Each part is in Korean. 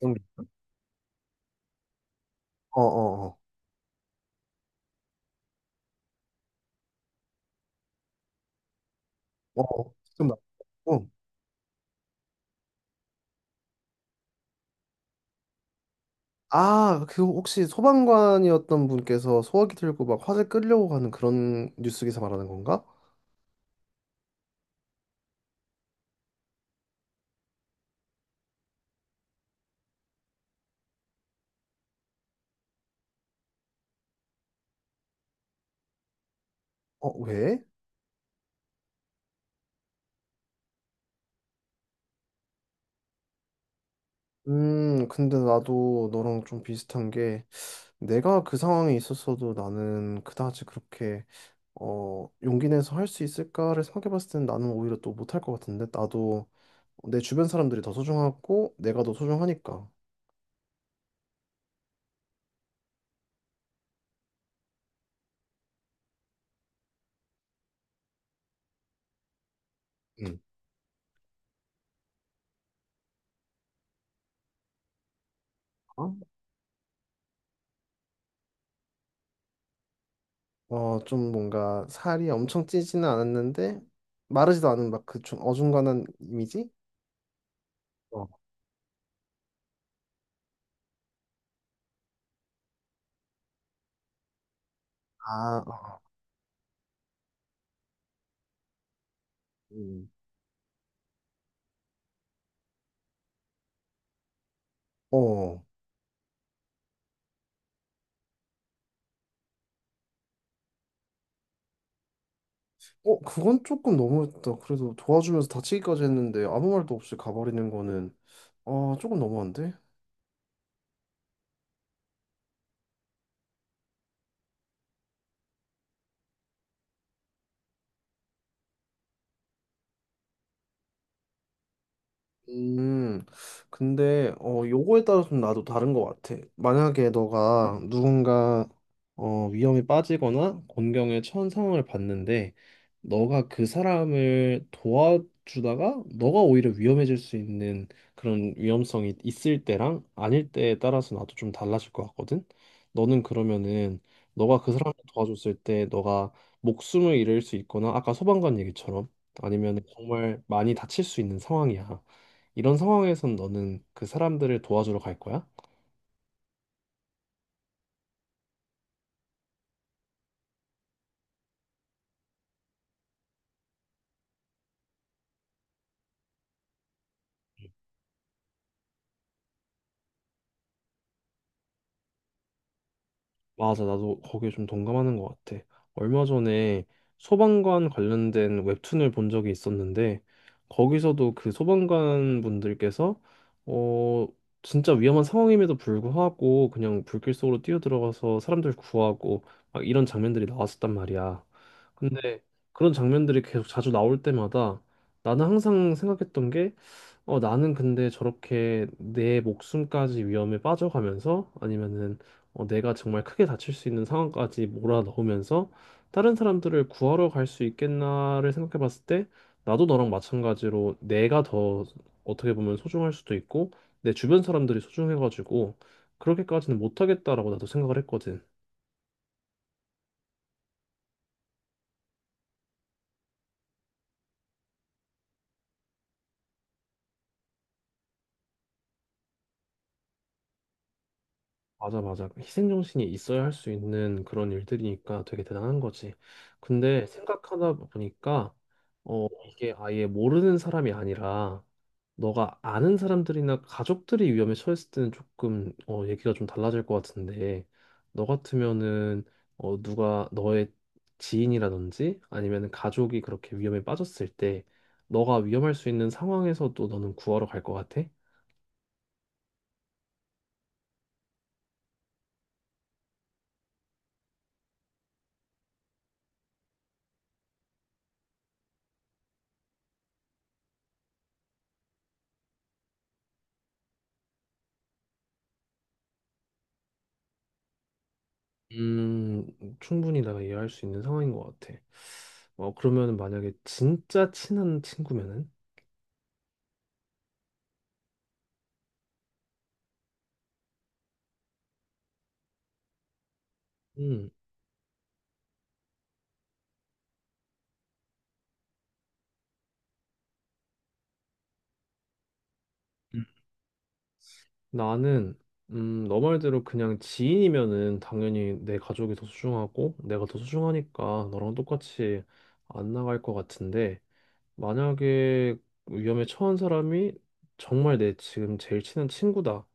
리 어어어 어, 어. 좀 나고 아, 그 혹시 소방관이었던 분께서 소화기 들고 막 화재 끌려고 가는 그런 뉴스 기사 말하는 건가? 어, 왜? 근데 나도 너랑 좀 비슷한 게 내가 그 상황에 있었어도 나는 그다지 그렇게 용기 내서 할 수 있을까를 생각해 봤을 때는 나는 오히려 또 못할 것 같은데 나도 내 주변 사람들이 더 소중하고 내가 더 소중하니까. 음. 어, 좀 뭔가 살이 엄청 찌지는 않았는데 마르지도 않은 막 그 좀 어중간한 이미지? 어, 아, 어. 음. 어, 어, 그건 조금 너무했다. 그래도 도와주면서 다치기까지 했는데 아무 말도 없이 가버리는 거는 조금 너무한데? 음, 근데, 요거에 따라서 좀 나도 다른 것 같아. 만약에 너가 누군가, 위험에 빠지거나 곤경에 처한 상황을 봤는데, 너가 그 사람을 도와주다가, 너가 오히려 위험해질 수 있는 그런 위험성이 있을 때랑 아닐 때에 따라서 나도 좀 달라질 것 같거든? 너는 그러면은, 너가 그 사람을 도와줬을 때, 너가 목숨을 잃을 수 있거나, 아까 소방관 얘기처럼, 아니면 정말 많이 다칠 수 있는 상황이야. 이런 상황에선 너는 그 사람들을 도와주러 갈 거야? 맞아, 나도 거기에 좀 동감하는 것 같아. 얼마 전에 소방관 관련된 웹툰을 본 적이 있었는데, 거기서도 그 소방관 분들께서, 어, 진짜 위험한 상황임에도 불구하고 그냥 불길 속으로 뛰어들어가서 사람들 구하고 막 이런 장면들이 나왔었단 말이야. 근데 그런 장면들이 계속 자주 나올 때마다 나는 항상 생각했던 어, 나는 근데 저렇게 내 목숨까지 위험에 빠져가면서 아니면은 내가 정말 크게 다칠 수 있는 상황까지 몰아넣으면서 다른 사람들을 구하러 갈 수 있겠나를 생각해 봤을 때 나도 너랑 마찬가지로 내가 더 어떻게 보면 소중할 수도 있고 내 주변 사람들이 소중해가지고 그렇게까지는 못하겠다라고 나도 생각을 했거든. 맞아, 맞아. 그 희생정신이 있어야 할 수 있는 그런 일들이니까 되게 대단한 거지. 근데 생각하다 보니까, 이게 아예 모르는 사람이 아니라, 너가 아는 사람들이나 가족들이 위험에 처했을 때는 조금, 얘기가 좀 달라질 것 같은데, 너 같으면은, 누가 너의 지인이라든지, 아니면 가족이 그렇게 위험에 빠졌을 때, 너가 위험할 수 있는 상황에서 도 너는 구하러 갈 것 같아? 음, 충분히 내가 이해할 수 있는 상황인 것 같아. 어, 그러면 만약에 진짜 친한 친구면은? 음, 음. 나는, 너 말대로 그냥 지인이면은 당연히 내 가족이 더 소중하고 내가 더 소중하니까 너랑 똑같이 안 나갈 것 같은데 만약에 위험에 처한 사람이 정말 내 지금 제일 친한 친구다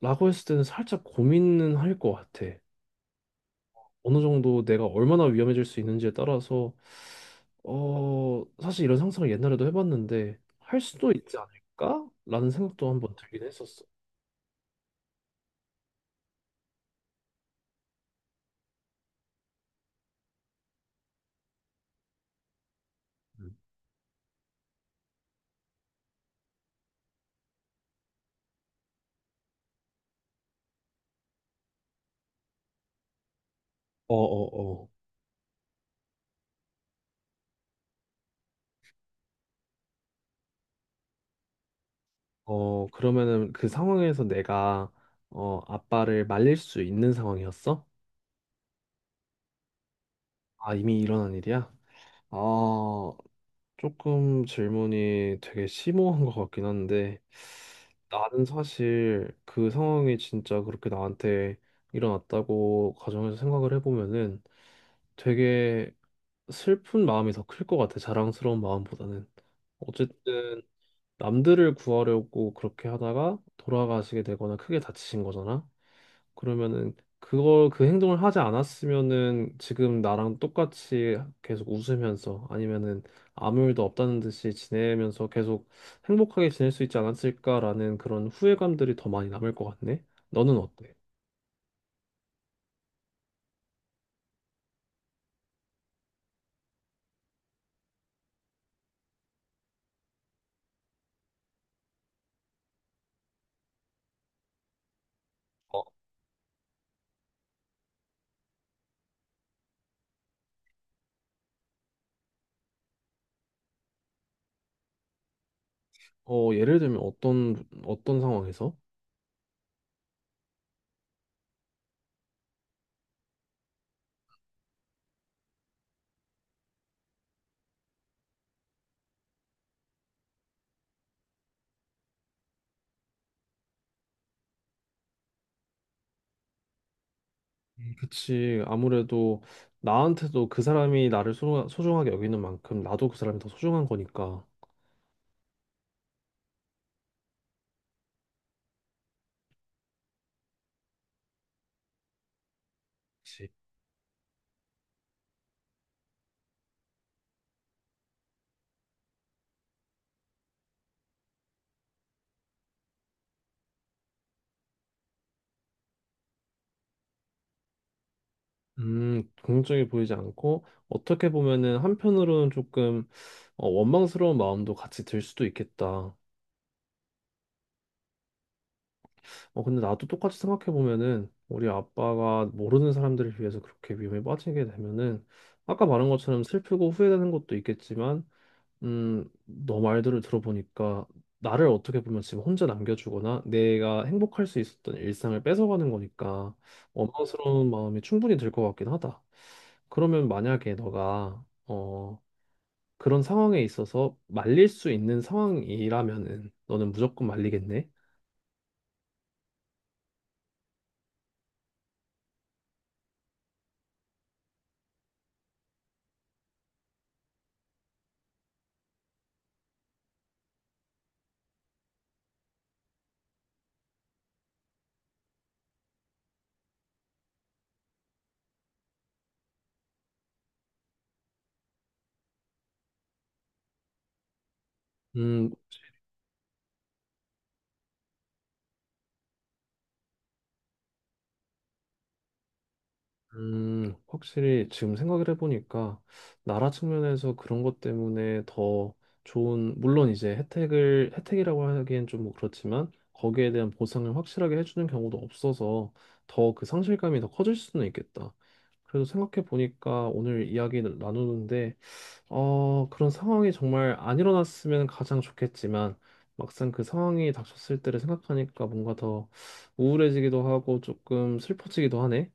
라고 했을 때는 살짝 고민은 할 것 같아. 어느 정도 내가 얼마나 위험해질 수 있는지에 따라서 어 사실 이런 상상을 옛날에도 해봤는데 할 수도 있지 않을까라는 생각도 한번 들긴 했었어. 음. 어어어. 어, 그러면은 그 상황에서 내가 어 아빠를 말릴 수 있는 상황이었어? 아 이미 일어난 일이야? 아 조금 질문이 되게 심오한 것 같긴 한데, 나는 사실 그 상황이 진짜 그렇게 나한테 일어났다고 가정해서 생각을 해보면은 되게 슬픈 마음이 더 클 것 같아, 자랑스러운 마음보다는. 어쨌든 남들을 구하려고 그렇게 하다가 돌아가시게 되거나 크게 다치신 거잖아. 그러면은 그걸 그 행동을 하지 않았으면은 지금 나랑 똑같이 계속 웃으면서 아니면은 아무 일도 없다는 듯이 지내면서 계속 행복하게 지낼 수 있지 않았을까라는 그런 후회감들이 더 많이 남을 것 같네. 너는 어때? 어, 예를 들면 어떤 어떤 상황에서? 그치, 아무래도 나한테도 그 사람이 나를 소, 소중하게 여기는 만큼 나도 그 사람이 더 소중한 거니까. 그치. 긍정적이 보이지 않고 어떻게 보면은 한편으로는 조금 원망스러운 마음도 같이 들 수도 있겠다. 어, 근데 나도 똑같이 생각해 보면은 우리 아빠가 모르는 사람들을 위해서 그렇게 위험에 빠지게 되면은 아까 말한 것처럼 슬프고 후회되는 것도 있겠지만 너 말들을 들어보니까 나를 어떻게 보면 지금 혼자 남겨주거나 내가 행복할 수 있었던 일상을 뺏어가는 거니까 원망스러운 마음이 충분히 들 것 같긴 하다. 그러면 만약에 너가 어, 그런 상황에 있어서 말릴 수 있는 상황이라면은 너는 무조건 말리겠네? 음, 확실히 지금 생각을 해보니까 나라 측면에서 그런 것 때문에 더 좋은, 물론 이제 혜택을, 혜택이라고 하기엔 좀 뭐 그렇지만 거기에 대한 보상을 확실하게 해주는 경우도 없어서 더 그 상실감이 더 커질 수는 있겠다. 그래서 생각해 보니까 오늘 이야기 나누는데, 그런 상황이 정말 안 일어났으면 가장 좋겠지만 막상 그 상황이 닥쳤을 때를 생각하니까 뭔가 더 우울해지기도 하고 조금 슬퍼지기도 하네.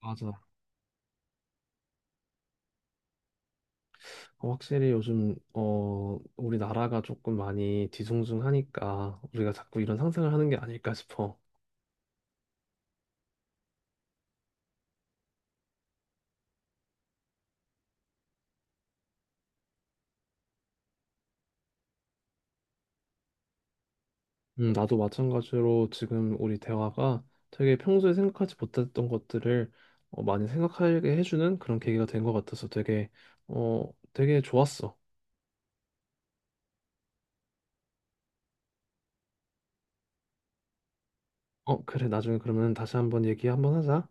맞아. 어, 확실히 요즘 어 우리나라가 조금 많이 뒤숭숭하니까 우리가 자꾸 이런 상상을 하는 게 아닐까 싶어. 나도 마찬가지로 지금 우리 대화가 되게 평소에 생각하지 못했던 것들을 많이 생각하게 해주는 그런 계기가 된 것 같아서 되게 어 되게 좋았어. 어, 그래, 나중에 그러면 다시 한번 얘기 한번 하자.